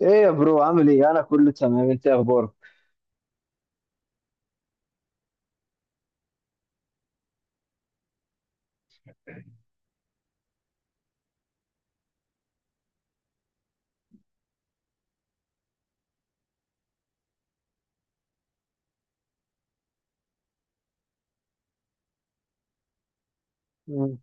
ايه يا برو عامل ايه؟ انا كله تمام، انت إيه اخبارك؟ مم.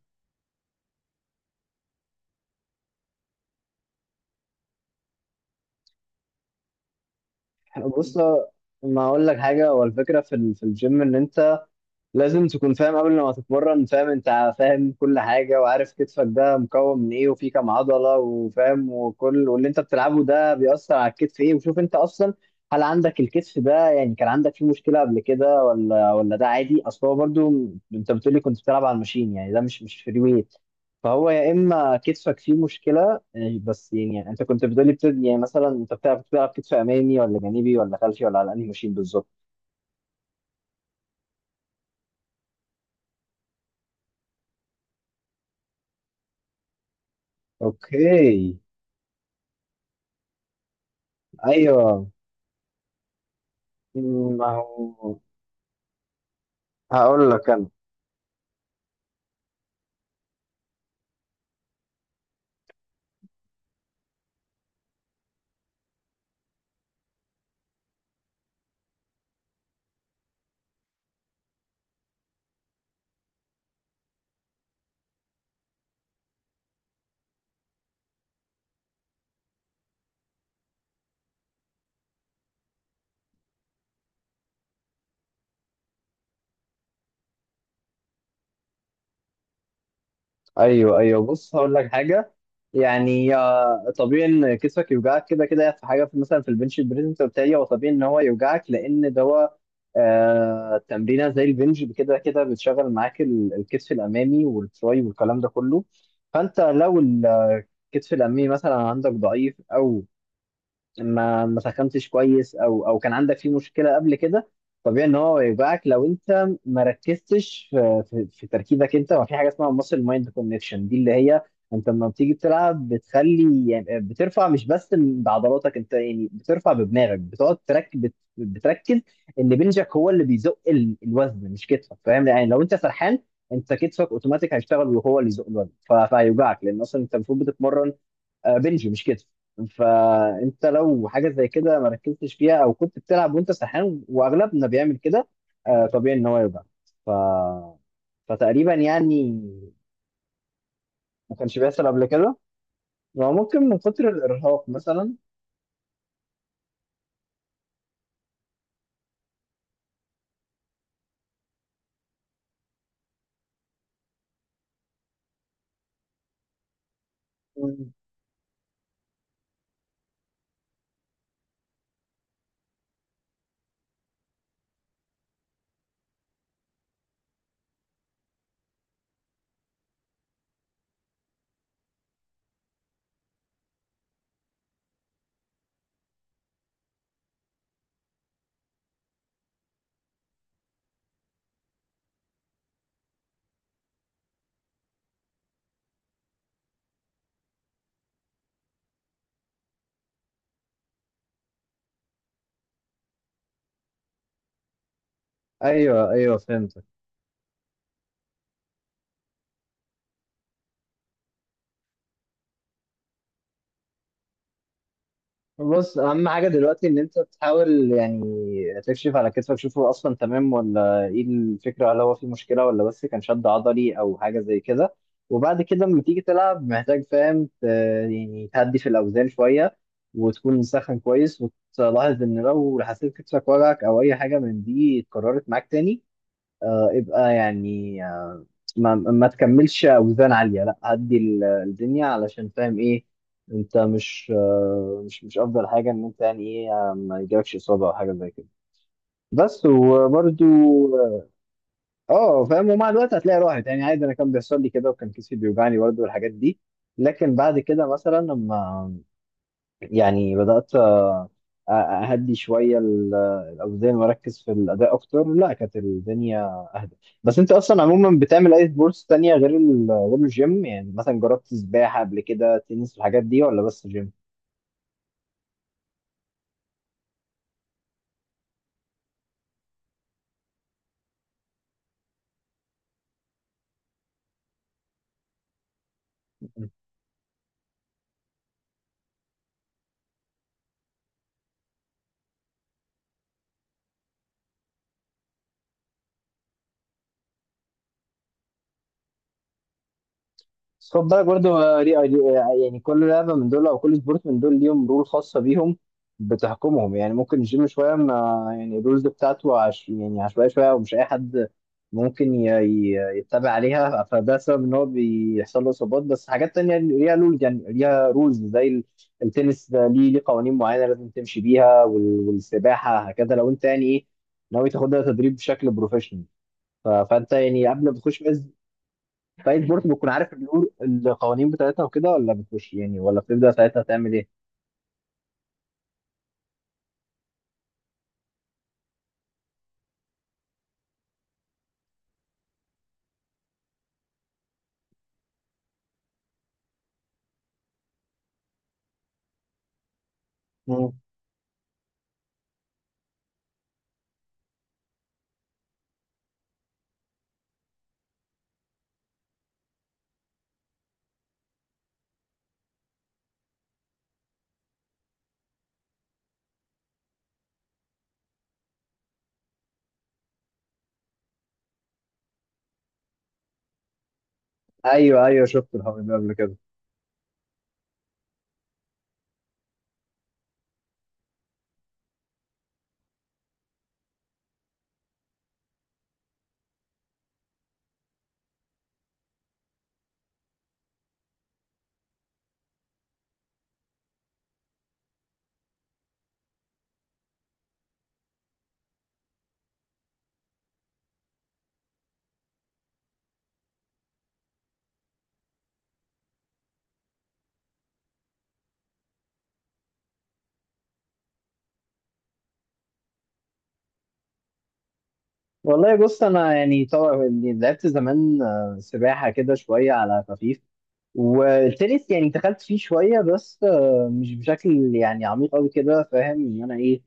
بص، ما اقول لك حاجه. هو الفكره في في الجيم ان انت لازم تكون فاهم قبل ما تتمرن، فاهم؟ انت فاهم كل حاجة، وعارف كتفك ده مكون من ايه وفيه كام عضلة، وفاهم وكل واللي انت بتلعبه ده بيأثر على الكتف ايه. وشوف انت اصلا هل عندك الكتف ده، يعني كان عندك فيه مشكلة قبل كده ولا ده عادي؟ اصل هو برضو انت بتقولي كنت بتلعب على الماشين، يعني ده مش فري ويت. فهو يا اما كتفك فيه مشكلة، بس يعني انت كنت بتقولي يعني مثلا انت بتلعب كتف امامي ولا جانبي ولا خلفي، ولا على انهي ماشين بالظبط؟ اوكي. ايوه. ما هو هقول لك انا. ايوه ايوه، بص هقول لك حاجه. يعني طبيعي ان كتفك يوجعك، كده كده في حاجه في مثلا في البنش بريس. انت قلت لي هو طبيعي ان هو يوجعك لان ده هو تمرينه زي البنج، كده كده بتشغل معاك الكتف الامامي والتراي والكلام ده كله. فانت لو الكتف الامامي مثلا عندك ضعيف او ما سخنتش كويس او كان عندك فيه مشكله قبل كده، طبيعي ان هو يوجعك. لو انت ما ركزتش في تركيزك انت، وفي حاجه اسمها ماسل مايند كونكشن، دي اللي هي انت لما بتيجي تلعب بتخلي، يعني بترفع مش بس بعضلاتك، انت يعني بترفع بدماغك، بتقعد تركز، بتركز ان بنجك هو اللي بيزق الوزن، مش كتفك، فاهم؟ يعني لو انت سرحان، انت كتفك اوتوماتيك هيشتغل وهو اللي يزق الوزن، فهيوجعك لان اصلا انت المفروض بتتمرن بنج مش كتف. فانت لو حاجه زي كده ما ركزتش فيها، او كنت بتلعب وانت سرحان، واغلبنا بيعمل كده، طبيعي ان هو يوجع. ف... فتقريبا يعني ما كانش بيحصل قبل كده، هو ممكن من كتر الارهاق مثلا. مم. ايوه ايوه فهمت. بص، اهم حاجه دلوقتي ان انت تحاول يعني تكشف على كتفك، شوف هو اصلا تمام ولا ايه الفكره، هل هو في مشكله ولا بس كان شد عضلي او حاجه زي كده. وبعد كده لما تيجي تلعب محتاج فاهم يعني تهدي في الاوزان شويه، وتكون مسخن كويس، وتلاحظ ان لو حسيت كتفك وجعك او اي حاجه من دي اتكررت معاك تاني، ابقى يعني ما تكملش اوزان عاليه، لا هدي الدنيا، علشان فاهم ايه، انت مش مش افضل حاجه ان انت يعني ايه ما يجيلكش اصابه او حاجه زي كده، بس. وبرده اه فاهم، ومع الوقت هتلاقي راحت، يعني عادي، انا كان بيحصل لي كده وكان كتفي بيوجعني برده والحاجات دي، لكن بعد كده مثلا لما يعني بدأت أهدي شوية الأوزان وأركز في الأداء أكتر، لا كانت الدنيا أهدى. بس أنت أصلا عموما بتعمل أي سبورتس تانية غير غير الجيم؟ يعني مثلا جربت سباحة قبل كده، تنس، الحاجات دي، ولا بس جيم؟ بس خد بالك برضه يعني كل لعبه من دول او كل سبورت من دول ليهم رول خاصه بيهم بتحكمهم. يعني ممكن الجيم شويه ما يعني الرولز بتاعته عش يعني عشوائيه شويه، ومش اي حد ممكن يتبع عليها، فده سبب ان هو بيحصل له اصابات. بس حاجات تانية ليها رولز، يعني ليها رولز زي التنس ده ليه قوانين معينه لازم تمشي بيها، والسباحه هكذا. لو انت يعني ايه ناوي تاخدها تدريب بشكل بروفيشنال، فانت يعني قبل ما تخش فايت بورت بتكون عارف القوانين بتاعتها وكده، ولا بتخش يعني ولا بتبدأ ساعتها تعمل ايه؟ مم. ايوه ايوه شفت الحوار ده قبل كده. والله بص انا يعني طبعا يعني لعبت زمان سباحه كده شويه على خفيف، والتنس يعني دخلت فيه شويه بس مش بشكل يعني عميق قوي كده، فاهم ان انا ايه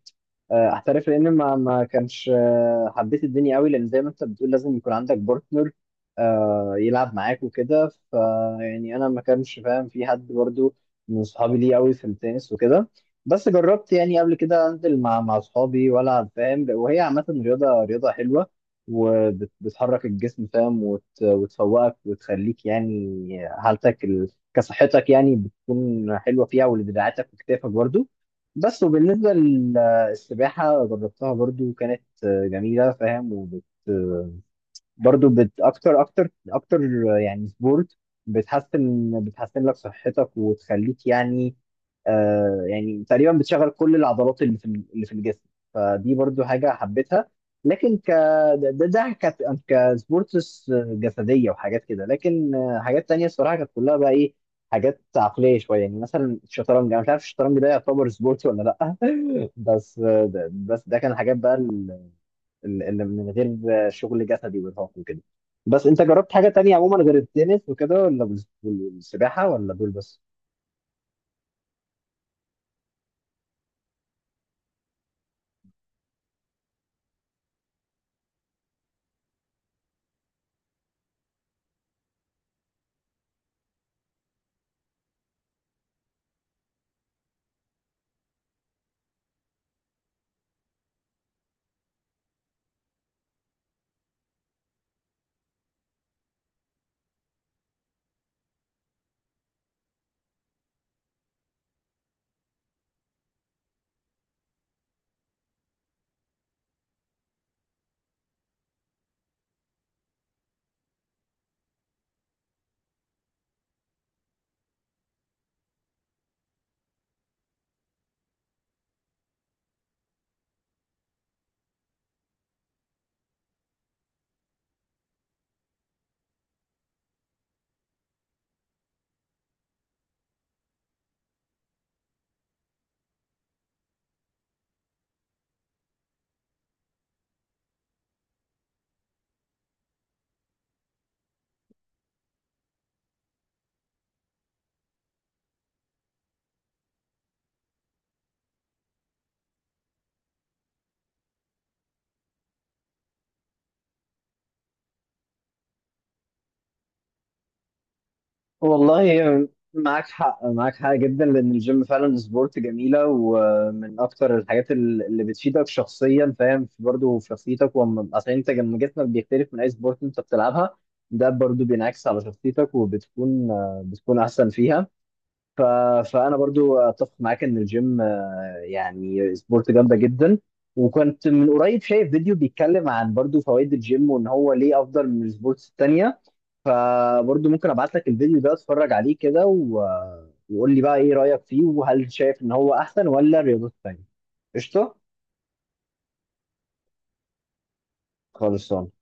احترف، لان ما كانش حبيت الدنيا قوي، لان زي ما انت بتقول لازم يكون عندك بارتنر يلعب معاك وكده. ف يعني انا ما كانش فاهم في حد برضو من صحابي ليه قوي في التنس وكده، بس جربت يعني قبل كده انزل مع صحابي والعب، فاهم؟ وهي عامه رياضه، حلوه وبتحرك الجسم، فاهم؟ وتفوقك وتخليك يعني كصحتك يعني بتكون حلوه فيها، ولدراعاتك وكتافك برضو. بس وبالنسبة السباحة، جربتها برضو، كانت جميلة فاهم، وبت آه، برضو أكتر أكتر أكتر يعني سبورت بتحسن، بتحسن لك صحتك وتخليك يعني يعني تقريبا بتشغل كل العضلات اللي في الجسم. فدي برضو حاجة حبيتها. لكن ك ده كانت كسبورتس جسدية وحاجات كده، لكن حاجات تانية الصراحة كانت كلها بقى إيه، حاجات عقلية شوية، يعني مثلا الشطرنج، أنا مش عارف الشطرنج ده يعتبر سبورت ولا لأ، بس ده كان حاجات بقى اللي من غير شغل جسدي وارهاق وكده. بس انت جربت حاجة تانية عموما غير التنس وكده، ولا والسباحة، ولا دول بس؟ والله معاك حق، معاك حق جدا، لان الجيم فعلا سبورت جميله ومن اكتر الحاجات اللي بتفيدك شخصيا، فاهم؟ برضه في شخصيتك، اصل انت لما جسمك بيختلف من اي سبورت انت بتلعبها، ده برضه بينعكس على شخصيتك وبتكون بتكون احسن فيها. ف... فانا برضو اتفق معاك ان الجيم يعني سبورت جامده جدا. وكنت من قريب شايف فيديو بيتكلم عن برضو فوائد الجيم وان هو ليه افضل من السبورتس التانية، فبرضو ممكن ابعت لك الفيديو ده اتفرج عليه كده، وقول لي بقى ايه رايك فيه، وهل شايف ان هو احسن ولا الرياضات التانية. قشطه. خلصان.